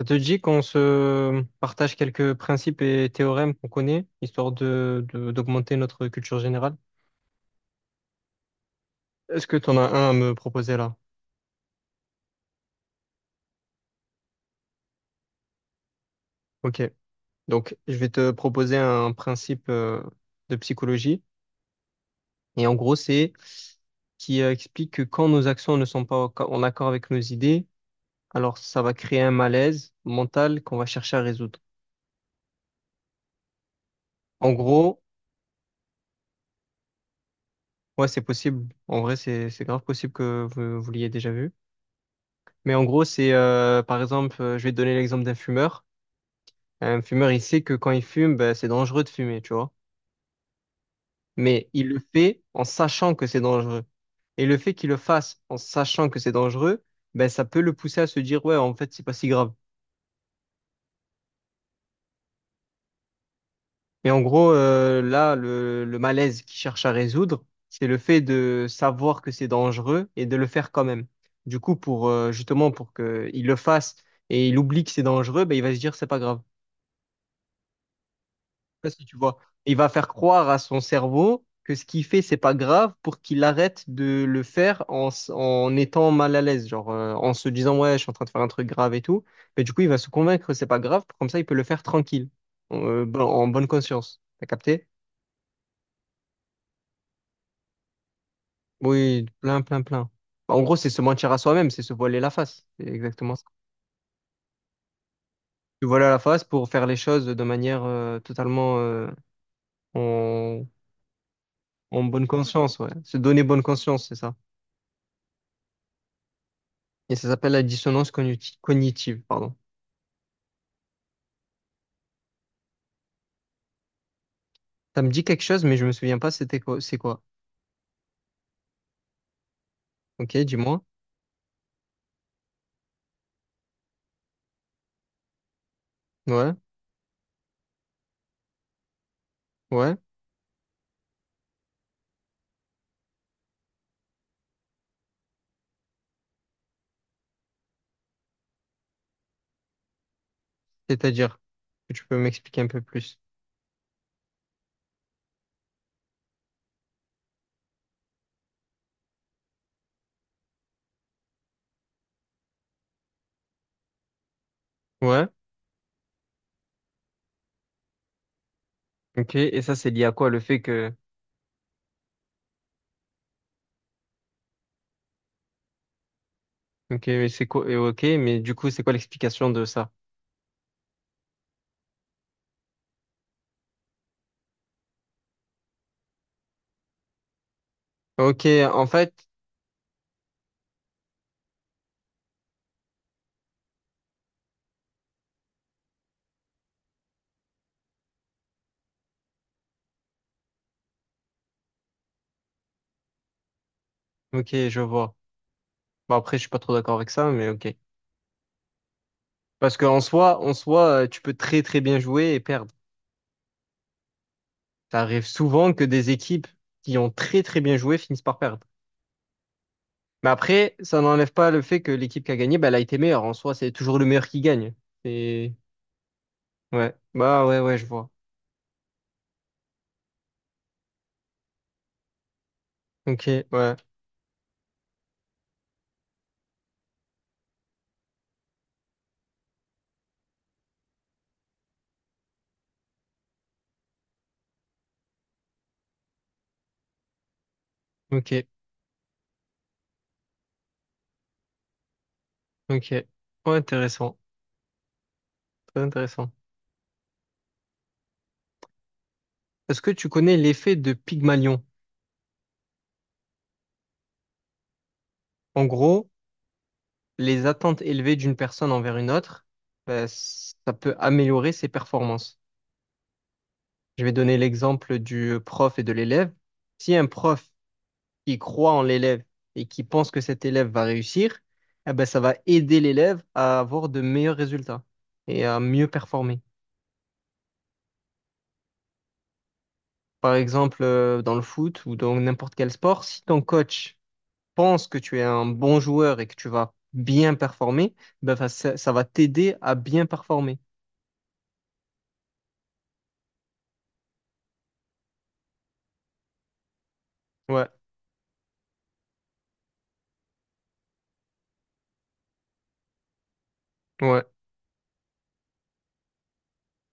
Ça te dit qu'on se partage quelques principes et théorèmes qu'on connaît, histoire d'augmenter notre culture générale? Est-ce que tu en as un à me proposer là? Ok. Donc, je vais te proposer un principe de psychologie. Et en gros, c'est qui explique que quand nos actions ne sont pas en accord avec nos idées, alors ça va créer un malaise mental qu'on va chercher à résoudre. En gros, ouais, c'est possible. En vrai, c'est grave possible que vous l'ayez déjà vu. Mais en gros, c'est par exemple, je vais te donner l'exemple d'un fumeur. Un fumeur, il sait que quand il fume, ben, c'est dangereux de fumer, tu vois. Mais il le fait en sachant que c'est dangereux. Et le fait qu'il le fasse en sachant que c'est dangereux, ben, ça peut le pousser à se dire, ouais, en fait, c'est pas si grave. Mais en gros, là, le malaise qu'il cherche à résoudre, c'est le fait de savoir que c'est dangereux et de le faire quand même. Du coup, pour justement pour qu'il le fasse et il oublie que c'est dangereux, ben, il va se dire, c'est pas grave. Sais pas si tu vois. Il va faire croire à son cerveau que ce qu'il fait, c'est pas grave pour qu'il arrête de le faire en étant mal à l'aise, genre en se disant ouais, je suis en train de faire un truc grave et tout. Mais du coup, il va se convaincre que c'est pas grave, comme ça, il peut le faire tranquille, en bonne conscience. T'as capté? Oui, plein, plein, plein. Bah, en gros, c'est se mentir à soi-même, c'est se voiler la face. C'est exactement ça. Se voiler la face pour faire les choses de manière totalement en, en bonne conscience, ouais. Se donner bonne conscience, c'est ça. Et ça s'appelle la dissonance cognitive, pardon. Ça me dit quelque chose, mais je me souviens pas c'était quoi, c'est quoi. Ok, dis-moi. Ouais, ouais. C'est-à-dire que tu peux m'expliquer un peu plus. Ouais, ok. Et ça, c'est lié à quoi? Le fait que… Ok, mais c'est quoi? Et ok, mais du coup, c'est quoi l'explication de ça? Ok, en fait… Ok, je vois. Bon, après, je suis pas trop d'accord avec ça, mais ok. Parce qu'en soi, en soi, tu peux très très bien jouer et perdre. Ça arrive souvent que des équipes qui ont très très bien joué finissent par perdre. Mais après, ça n'enlève pas le fait que l'équipe qui a gagné, bah, elle a été meilleure. En soi, c'est toujours le meilleur qui gagne. Et ouais, bah ouais, ouais, je vois. Ok, ouais, ok, ok. Ouais, intéressant, très intéressant. Est-ce que tu connais l'effet de Pygmalion? En gros, les attentes élevées d'une personne envers une autre, bah, ça peut améliorer ses performances. Je vais donner l'exemple du prof et de l'élève. Si un prof, qui croit en l'élève et qui pense que cet élève va réussir, eh ben, ça va aider l'élève à avoir de meilleurs résultats et à mieux performer. Par exemple, dans le foot ou dans n'importe quel sport, si ton coach pense que tu es un bon joueur et que tu vas bien performer, ben, ça, ça va t'aider à bien performer. Ouais, ouais.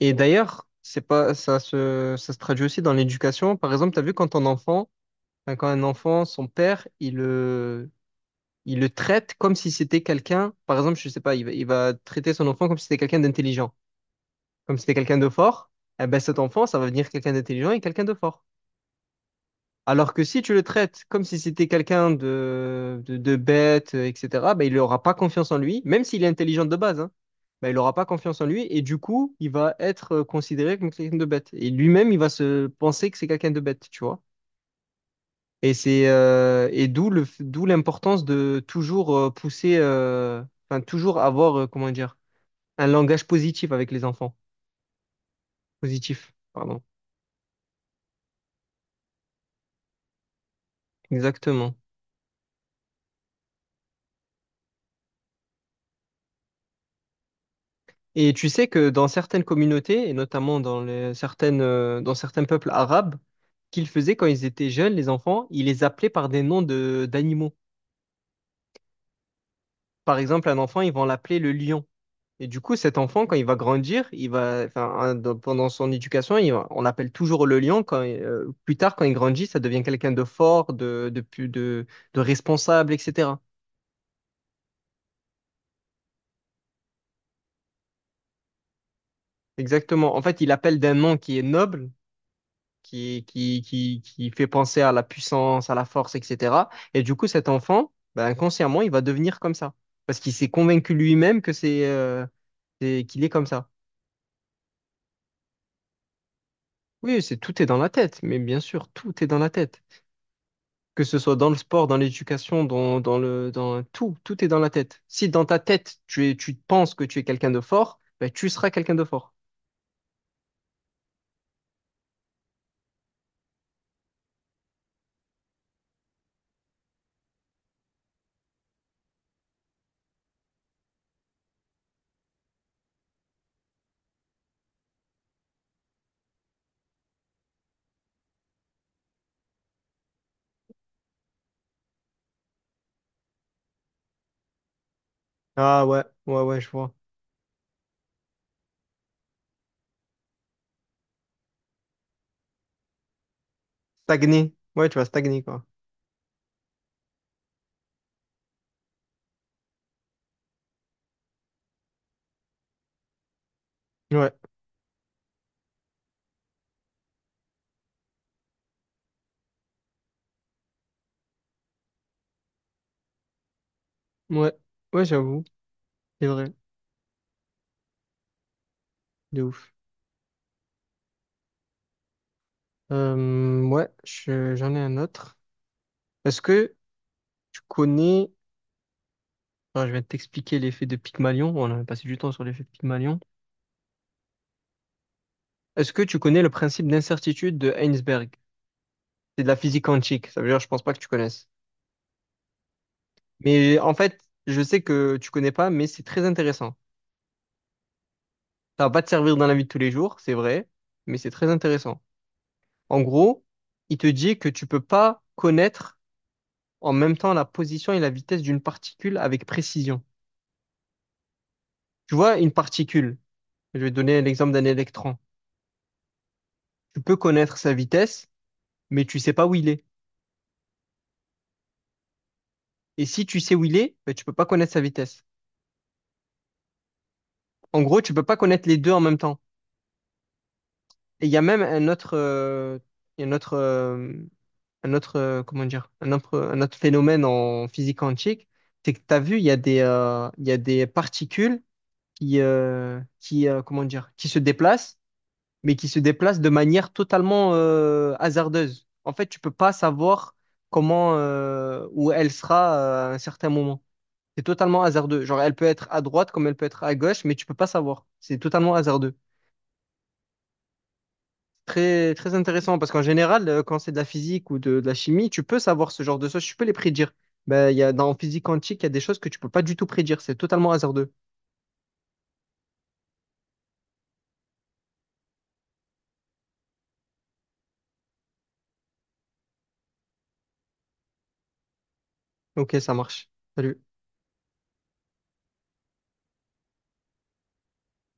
Et d'ailleurs, c'est pas, ça se traduit aussi dans l'éducation. Par exemple, tu as vu quand quand un enfant, son père, il le traite comme si c'était quelqu'un, par exemple, je sais pas, il va traiter son enfant comme si c'était quelqu'un d'intelligent, comme si c'était quelqu'un de fort, eh ben cet enfant, ça va devenir quelqu'un d'intelligent et quelqu'un de fort. Alors que si tu le traites comme si c'était quelqu'un de bête, etc., ben il n'aura pas confiance en lui, même s'il est intelligent de base, hein, ben il n'aura pas confiance en lui et du coup, il va être considéré comme quelqu'un de bête. Et lui-même, il va se penser que c'est quelqu'un de bête, tu vois. Et c'est d'où l'importance de toujours pousser, enfin toujours avoir comment dire un langage positif avec les enfants. Positif, pardon. Exactement. Et tu sais que dans certaines communautés et notamment dans certaines dans certains peuples arabes, qu'ils faisaient quand ils étaient jeunes, les enfants, ils les appelaient par des noms de d'animaux. Par exemple, un enfant, ils vont l'appeler le lion. Et du coup, cet enfant, quand il va grandir, il va, enfin, hein, dans- pendant son éducation, on l'appelle toujours le lion. Quand, plus tard, quand il grandit, ça devient quelqu'un de fort, de responsable, etc. Exactement. En fait, il appelle d'un nom qui est noble, qui fait penser à la puissance, à la force, etc. Et du coup, cet enfant, ben, inconsciemment, il va devenir comme ça. Parce qu'il s'est convaincu lui-même que qu'il est comme ça. Oui, c'est tout est dans la tête, mais bien sûr, tout est dans la tête. Que ce soit dans le sport, dans l'éducation, dans tout, tout est dans la tête. Si dans ta tête, tu penses que tu es quelqu'un de fort, ben, tu seras quelqu'un de fort. Ah ouais, ouais, ouais, je vois. Stagner. Ouais, tu vas stagner, quoi. Ouais, ouais, ouais, j'avoue. C'est vrai, de ouf. Ouais, j'en ai un autre. Est-ce que tu connais… Alors, je vais t'expliquer l'effet de Pygmalion. On a passé du temps sur l'effet de Pygmalion. Est-ce que tu connais le principe d'incertitude de Heinsberg? C'est de la physique quantique. Ça veut dire, je pense pas que tu connaisses. Mais en fait, je sais que tu connais pas, mais c'est très intéressant. Ça va pas te servir dans la vie de tous les jours, c'est vrai, mais c'est très intéressant. En gros, il te dit que tu peux pas connaître en même temps la position et la vitesse d'une particule avec précision. Tu vois, une particule, je vais te donner l'exemple d'un électron. Tu peux connaître sa vitesse, mais tu sais pas où il est. Et si tu sais où il est, ben, tu peux pas connaître sa vitesse. En gros, tu peux pas connaître les deux en même temps. Et il y a même un autre, il y a un autre un autre phénomène en physique quantique, c'est que tu as vu, il y a il y a des particules qui se déplacent, mais qui se déplacent de manière totalement hasardeuse. En fait, tu peux pas savoir où elle sera à un certain moment. C'est totalement hasardeux. Genre, elle peut être à droite comme elle peut être à gauche, mais tu peux pas savoir. C'est totalement hasardeux. Très, très intéressant parce qu'en général, quand c'est de la physique ou de la chimie, tu peux savoir ce genre de choses, tu peux les prédire. Ben, il y a, dans physique quantique, il y a des choses que tu peux pas du tout prédire, c'est totalement hasardeux. Ok, ça marche. Salut.